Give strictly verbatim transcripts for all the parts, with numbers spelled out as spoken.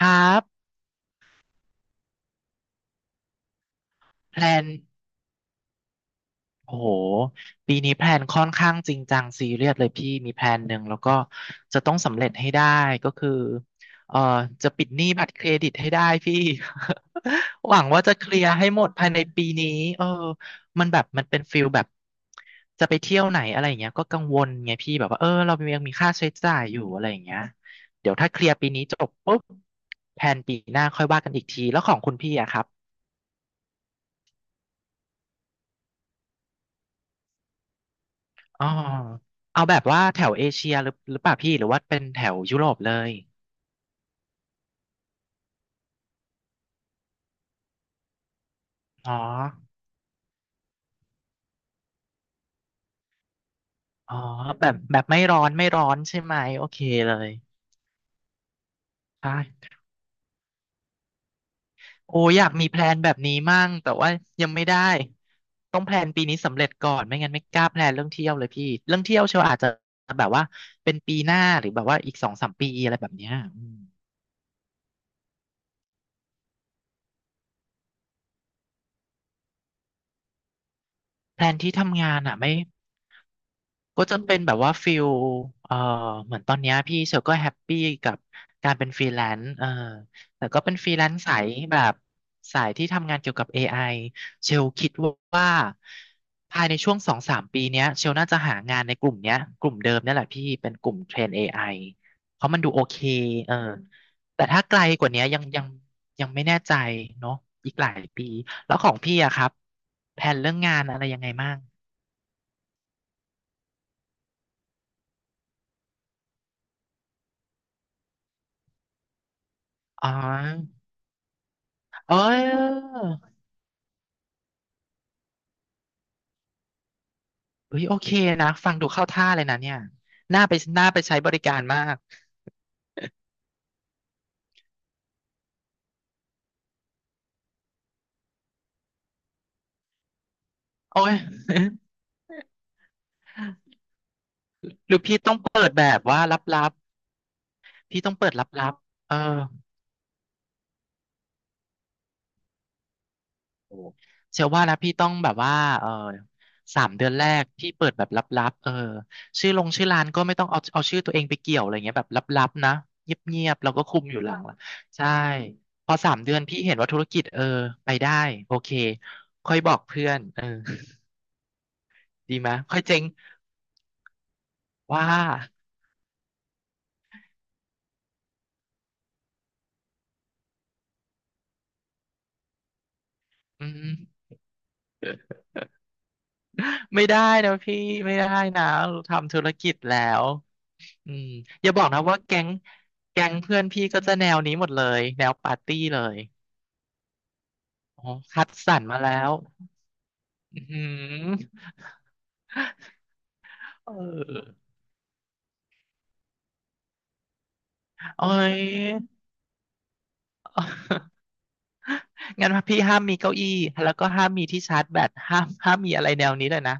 ครับแพลนโอ้โหปีนี้แพลนค่อนข้างจริงจังซีเรียสเลยพี่มีแพลนหนึ่งแล้วก็จะต้องสำเร็จให้ได้ก็คือเอ่อจะปิดหนี้บัตรเครดิตให้ได้พี่ หวังว่าจะเคลียร์ให้หมดภายในปีนี้เออมันแบบมันเป็นฟิลแบบจะไปเที่ยวไหนอะไรอย่างเงี้ยก็กังวลไงพี่แบบว่าเออเรายังมีค่าใช้จ่ายอยู่อะไรอย่างเงี้ยเดี๋ยวถ้าเคลียร์ปีนี้จบปุ๊บแพลนปีหน้าค่อยว่ากันอีกทีแล้วของคุณพี่อะครับ อ๋อเอาแบบว่าแถวเอเชียหรือหรือเปล่าพี่หรือว่าเป็นแถวยุโรปเลยอ๋ออ๋อแบบแบบไม่ร้อนไม่ร้อนใช่ไหมโอเคเลยใช่โอ้อยากมีแพลนแบบนี้มั่งแต่ว่ายังไม่ได้ต้องแพลนปีนี้สำเร็จก่อนไม่งั้นไม่กล้าแพลนเรื่องเที่ยวเลยพี่เรื่องเที่ยวเชียวอาจจะแบบว่าเป็นปีหน้าหรือแบบว่าอีกสองสามปีอะไรแบบเนี้ยอืมแพลนที่ทำงานอ่ะไม่ ก็จะเป็นแบบว่าฟิลเอ่อเหมือนตอนเนี้ยพี่เชลก็แฮปปี้กับการเป็นฟรีแลนซ์เออแต่ก็เป็นฟรีแลนซ์สายแบบสายที่ทำงานเกี่ยวกับ เอ ไอ เชลคิดว่าภายในช่วงสองสามปีเนี้ยเชลน่าจะหางานในกลุ่มเนี้ยกลุ่มเดิมเนี่ยแหละพี่เป็นกลุ่มเทรน เอ ไอ เพราะมันดูโอเคเออแต่ถ้าไกลกว่าเนี้ยยังยังยังไม่แน่ใจเนาะอีกหลายปีแล้วของพี่อะครับแผนเรื่องงานอะไรยังไงบ้างอ๋อ เออเอ้ยโอเคนะฟังดูเข้าท่าเลยนะเนี่ยน่าไปน่าไปใช้บริการมากโอ้ย หรือพี่ต้องเปิดแบบว่าลับๆพี่ต้องเปิดลับๆเออโอ้เชื่อว่านะพี่ต้องแบบว่าเออสามเดือนแรกพี่เปิดแบบลับๆเออชื่อลงชื่อร้านก็ไม่ต้องเอาเอาชื่อตัวเองไปเกี่ยวอะไรเงี้ยแบบลับๆนะเงียบๆเราก็คุมอยู่หลังละใช่พอสามเดือนพี่เห็นว่าธุรกิจเออไปได้โอเคค่อยบอกเพื่อนเออดีไหมยค่อยเจ๊ง ว่าอืมไม่ได้นะพี่ไม่ได้นะเราทำธุรกิจแล้วอืมอย่าบอกนะว่าแก๊งแก๊งเพื่อนพี่ก็จะแนวนี้หมดเลยแนวปาร์ตี้เลยอ๋อคัดสรรมาแล้วอืมเออโอ้ยงั้นพี่ห้ามมีเก้าอี้แล้วก็ห้ามมีที่ชาร์จแบตห้ามห้ามมีอะไรแนวนี้เลยนะ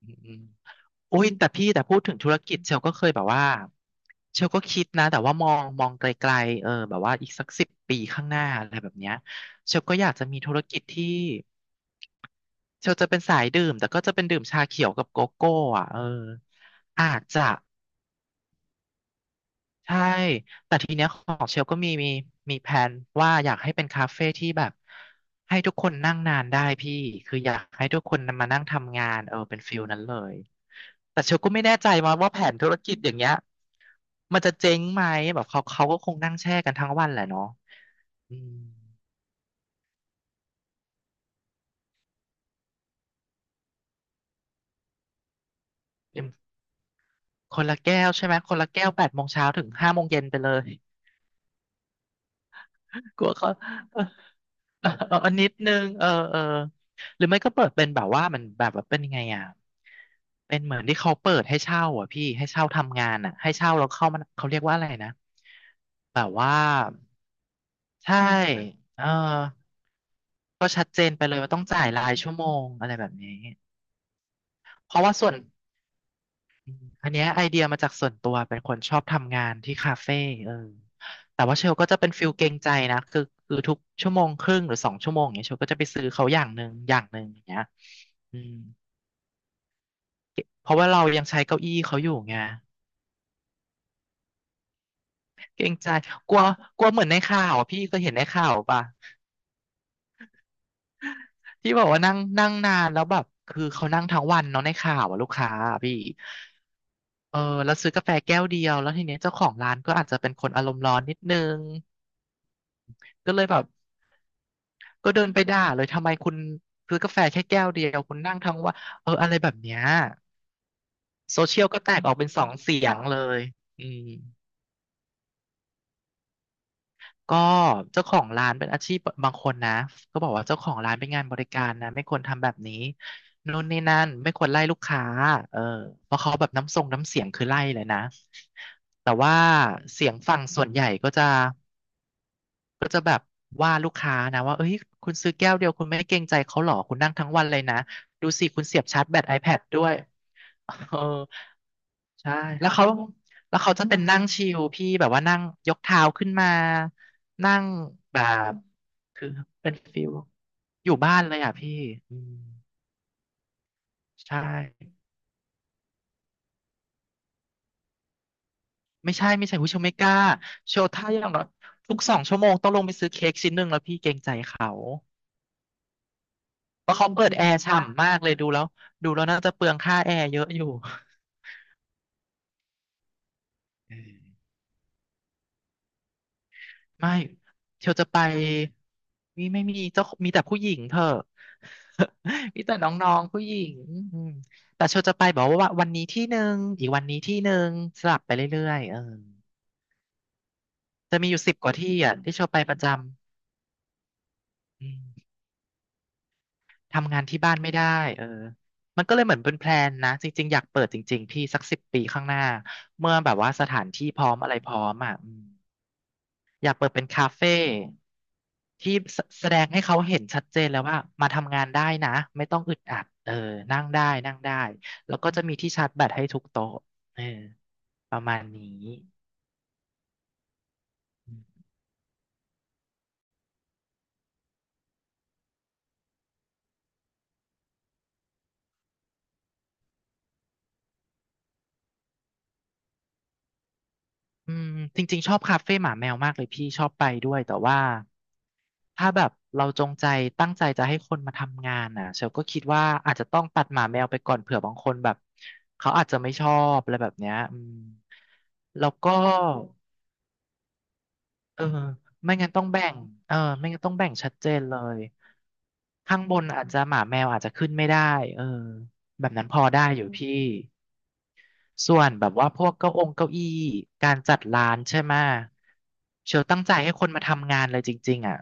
อืม โอ้ยแต่พี่แต่พูดถึงธุรกิจเชลก็เคยแบบว่าเชลก็คิดนะแต่ว่ามองมองไกลๆเออแบบว่าอีกสักสิบปีข้างหน้าอะไรแบบเนี้ยเชลก็อยากจะมีธุรกิจที่เชลจะเป็นสายดื่มแต่ก็จะเป็นดื่มชาเขียวกับโกโก้อ่ะเอออาจจะ ใช่ แต่ทีเนี้ยของเชลก็มีมีมีแผนว่าอยากให้เป็นคาเฟ่ที่แบบให้ทุกคนนั่งนานได้พี่ คืออยากให้ทุกคนมานั่งทำงานเออเป็นฟิลนั้นเลย แต่เชลก็ไม่แน่ใจมาว่าแผนธุรกิจอย่างเงี้ยมันจะเจ๊งไหมแบบเขาเขาก็คงนั่งแช่กันทั้งวันแหละเนาะอืมเป็นคนละแก้วใช่ไหมคนละแก้วแปดโมงเช้าถึงห้าโมงเย็นไปเลยกลัวเขา เออ เออเออนิดนึงเออเออหรือไม่ก็เปิดเป็นแบบว่ามันแบบแบบเป็นยังไงอ่ะเป็นเหมือนที่เขาเปิดให้เช่าอ่ะพี่ให้เช่าทำงานอ่ะให้เช่าแล้วเข้ามันเขาเรียกว่าอะไรนะแบบว่าใช่เออก็ชัดเจนไปเลยว่าต้องจ่ายรายชั่วโมงอะไรแบบนี้เพราะว่าส่วน อมอันเนี้ยไอเดียมาจากส่วนตัวเป็นคนชอบทำงานที่คาเฟ่เออแต่ว่าเชลก็จะเป็นฟิลเกรงใจนะคือคือทุกชั่วโมงครึ่งหรือสองชั่วโมงอย่างเงี้ยเชลก็จะไปซื้อเขาอย่างหนึ่งอย่างหนึ่งอย่างเงี้ยอืมเพราะว่าเรายังใช้เก้าอี้เขาอยู่ไงเกรงใจกลัวกลัวเหมือนในข่าวอะพี่ก็เห็นในข่าวป่ะที่บอกว่านั่งนั่งนานแล้วแบบคือเขานั่งทั้งวันเนาะในข่าวอะลูกค้าอะพี่เออแล้วซื้อกาแฟแก้วเดียวแล้วทีเนี้ยเจ้าของร้านก็อาจจะเป็นคนอารมณ์ร้อนนิดนึงก็เลยแบบ ก็เดินไปด่าเลยทำไมคุณซื้อกาแฟแค่แก้วเดียวคุณนั่งทั้งวันเอออะไรแบบเนี้ยโซเชียลก็แตกออกเป็นสองเสียงเลยอืมก็เจ้าของร้านเป็นอาชีพบางคนนะก็บอกว่าเจ้าของร้านเป็นงานบริการนะไม่ควรทำแบบนี้นู่นนี่นั่นไม่ควรไล่ลูกค้าเออเพราะเขาแบบน้ำทรงน้ำเสียงคือไล่เลยนะแต่ว่าเสียงฝั่งส่วนใหญ่ก็จะว่าลูกค้านะว่าเอ้ยคุณซื้อแก้วเดียวคุณไม่เกรงใจเขาหรอคุณนั่งทั้งวันเลยนะดูสิคุณเสียบชาร์จแบต ไอแพด ด้วย เออใช่แล้วเขาแล้วเขาจะเป็นนั่งชิลพี่แบบว่านั่งยกเท้าขึ้นมานั่งแบบคือเป็นฟิลอยู่บ้านเลยอ่ะพี่อืมใช่ไม่ใช่ไม่ใช่ผู้ชมไม่กล้าโชว์ท่าอย่างน้อยทุกสองชั่วโมงต้องลงไปซื้อเค้กชิ้นหนึ่งแล้วพี่เกรงใจเขาเพราะเขาเปิดแอร์ฉ่ำมากเลยดูแล้วดูแล้วน่าจะเปลืองค่าแอร์เยอะอยู่เออ ไม่เชียวจะไปมีไม่มีเจ้ามีแต่ผู้หญิงเถอะ มีแต่น้องๆผู้หญิงอืมแต่เชียวจะไปบอกว่าวันนี้ที่หนึ่งอีกวันนี้ที่หนึ่งสลับไปเรื่อยๆเออจะมีอยู่สิบกว่าที่อ่ะที่เชียวไปประจำอืมทำงานที่บ้านไม่ได้เออมันก็เลยเหมือนเป็นแพลนนะจริงๆอยากเปิดจริงๆพี่สักสิบปีข้างหน้าเมื่อแบบว่าสถานที่พร้อมอะไรพร้อมอ่ะอืม อยากเปิดเป็นคาเฟ่ที่แสแสดงให้เขาเห็นชัดเจนแล้วว่ามาทำงานได้นะไม่ต้องอึดอัดเออนั่งได้นั่งได้แล้วก็จะมีที่ชาร์จแบตให้ทุกโต๊ะเออประมาณนี้อืมจริงๆชอบคาเฟ่หมาแมวมากเลยพี่ชอบไปด้วยแต่ว่าถ้าแบบเราจงใจตั้งใจจะให้คนมาทำงานน่ะเชลก็คิดว่าอาจจะต้องตัดหมาแมวไปก่อนเผื่อบางคนแบบเขาอาจจะไม่ชอบอะไรแบบเนี้ยอืมแล้วก็ เออไม่งั้นต้องแบ่งเออไม่งั้นต้องแบ่งชัดเจนเลยข้างบนอาจจะหมาแมวอาจจะขึ้นไม่ได้เออแบบนั้นพอได้อยู่พี่ส่วนแบบว่าพวกเก้าองเก้าอี้การจัดร้านใช่ไหมเชลตั้งใจให้คนมาทำงานเลยจริงๆอ่ะ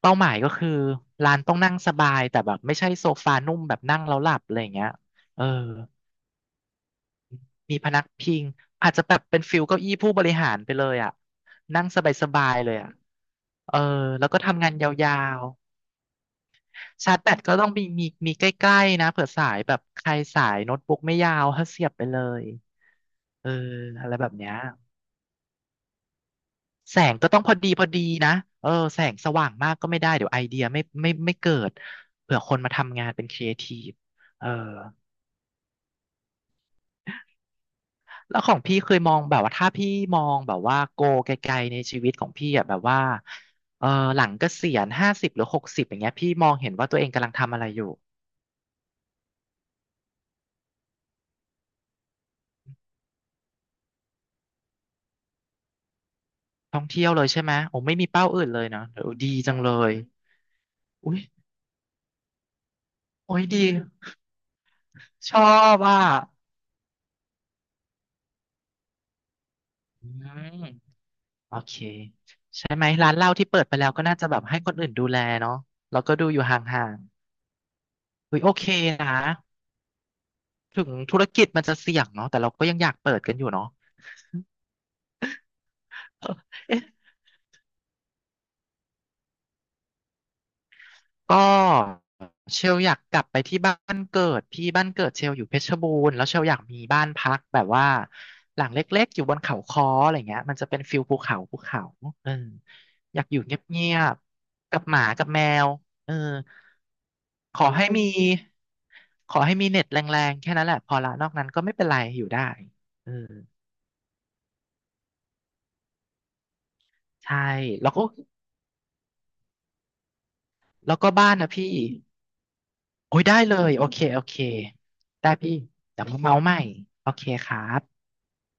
เป้าหมายก็คือร้านต้องนั่งสบายแต่แบบไม่ใช่โซฟานุ่มแบบนั่งแล้วหลับอะไรอย่างเงี้ยเออ มีพนักพิงอาจจะแบบเป็นฟิลเก้าอี้ผู้บริหารไปเลยอ่ะนั่งสบายๆเลยอ่ะเออแล้วก็ทำงานยาวๆชาร์จแบตก็ต้องมีมีมีใกล้ๆนะเผื่อสายแบบใครสายโน้ตบุ๊กไม่ยาวถ้าเสียบไปเลยเอออะไรแบบเนี้ยแสงก็ต้องพอดีพอดีนะเออแสงสว่างมากก็ไม่ได้เดี๋ยวไอเดียไม่ไม่ไม่เกิดเผื่อคนมาทำงานเป็นครีเอทีฟเออ แล้วของพี่เคยมองแบบว่าถ้าพี่มองแบบว่าโกไกลๆในชีวิตของพี่อ่ะแบบว่าเออหลังเกษียณห้าสิบหรือหกสิบอย่างเงี้ยพี่มองเห็นว่าตัวเองกำลังทำอะไรอยู่ท่องเที่ยวเลยใช่ไหมโอ้ไม่มีเป้าอื่นเลยเนาะโอ้ดีจังเลยอุ้ยโอ้ยดีชอบอ่ะอืมโอเคใช่ไหมร้านเหล้าที่เปิดไปแล้วก็น่าจะแบบให้คนอื่นดูแลเนาะแล้วก็ดูอยู่ห่างๆอุ้ยโอเคนะถึงธุรกิจมันจะเสี่ยงเนาะแต่เราก็ยังอยากเปิดกันอยู่เนาะเอ๊ะ ก็เชลอยากกลับไปที่บ้านเกิดพี่บ้านเกิดเชลอยู่เพชรบูรณ์แล้วเชลอยากมีบ้านพักแบบว่าหลังเล็กๆอยู่บนเขาค้ออะไรเงี้ยมันจะเป็นฟิลภูเขาภูเขาเอออยากอยู่เงียบๆกับหมากับแมวเออขอให้มีขอให้มีเน็ตแรงๆแค่นั้นแหละพอละนอกนั้นก็ไม่เป็นไรอยู่ได้เออใช่แล้วก็แล้วก็บ้านนะพี่โอ้ยได้เลยโอเคโอเคได้พี่เดี๋ยวมาเมาใหม่โอเคครับ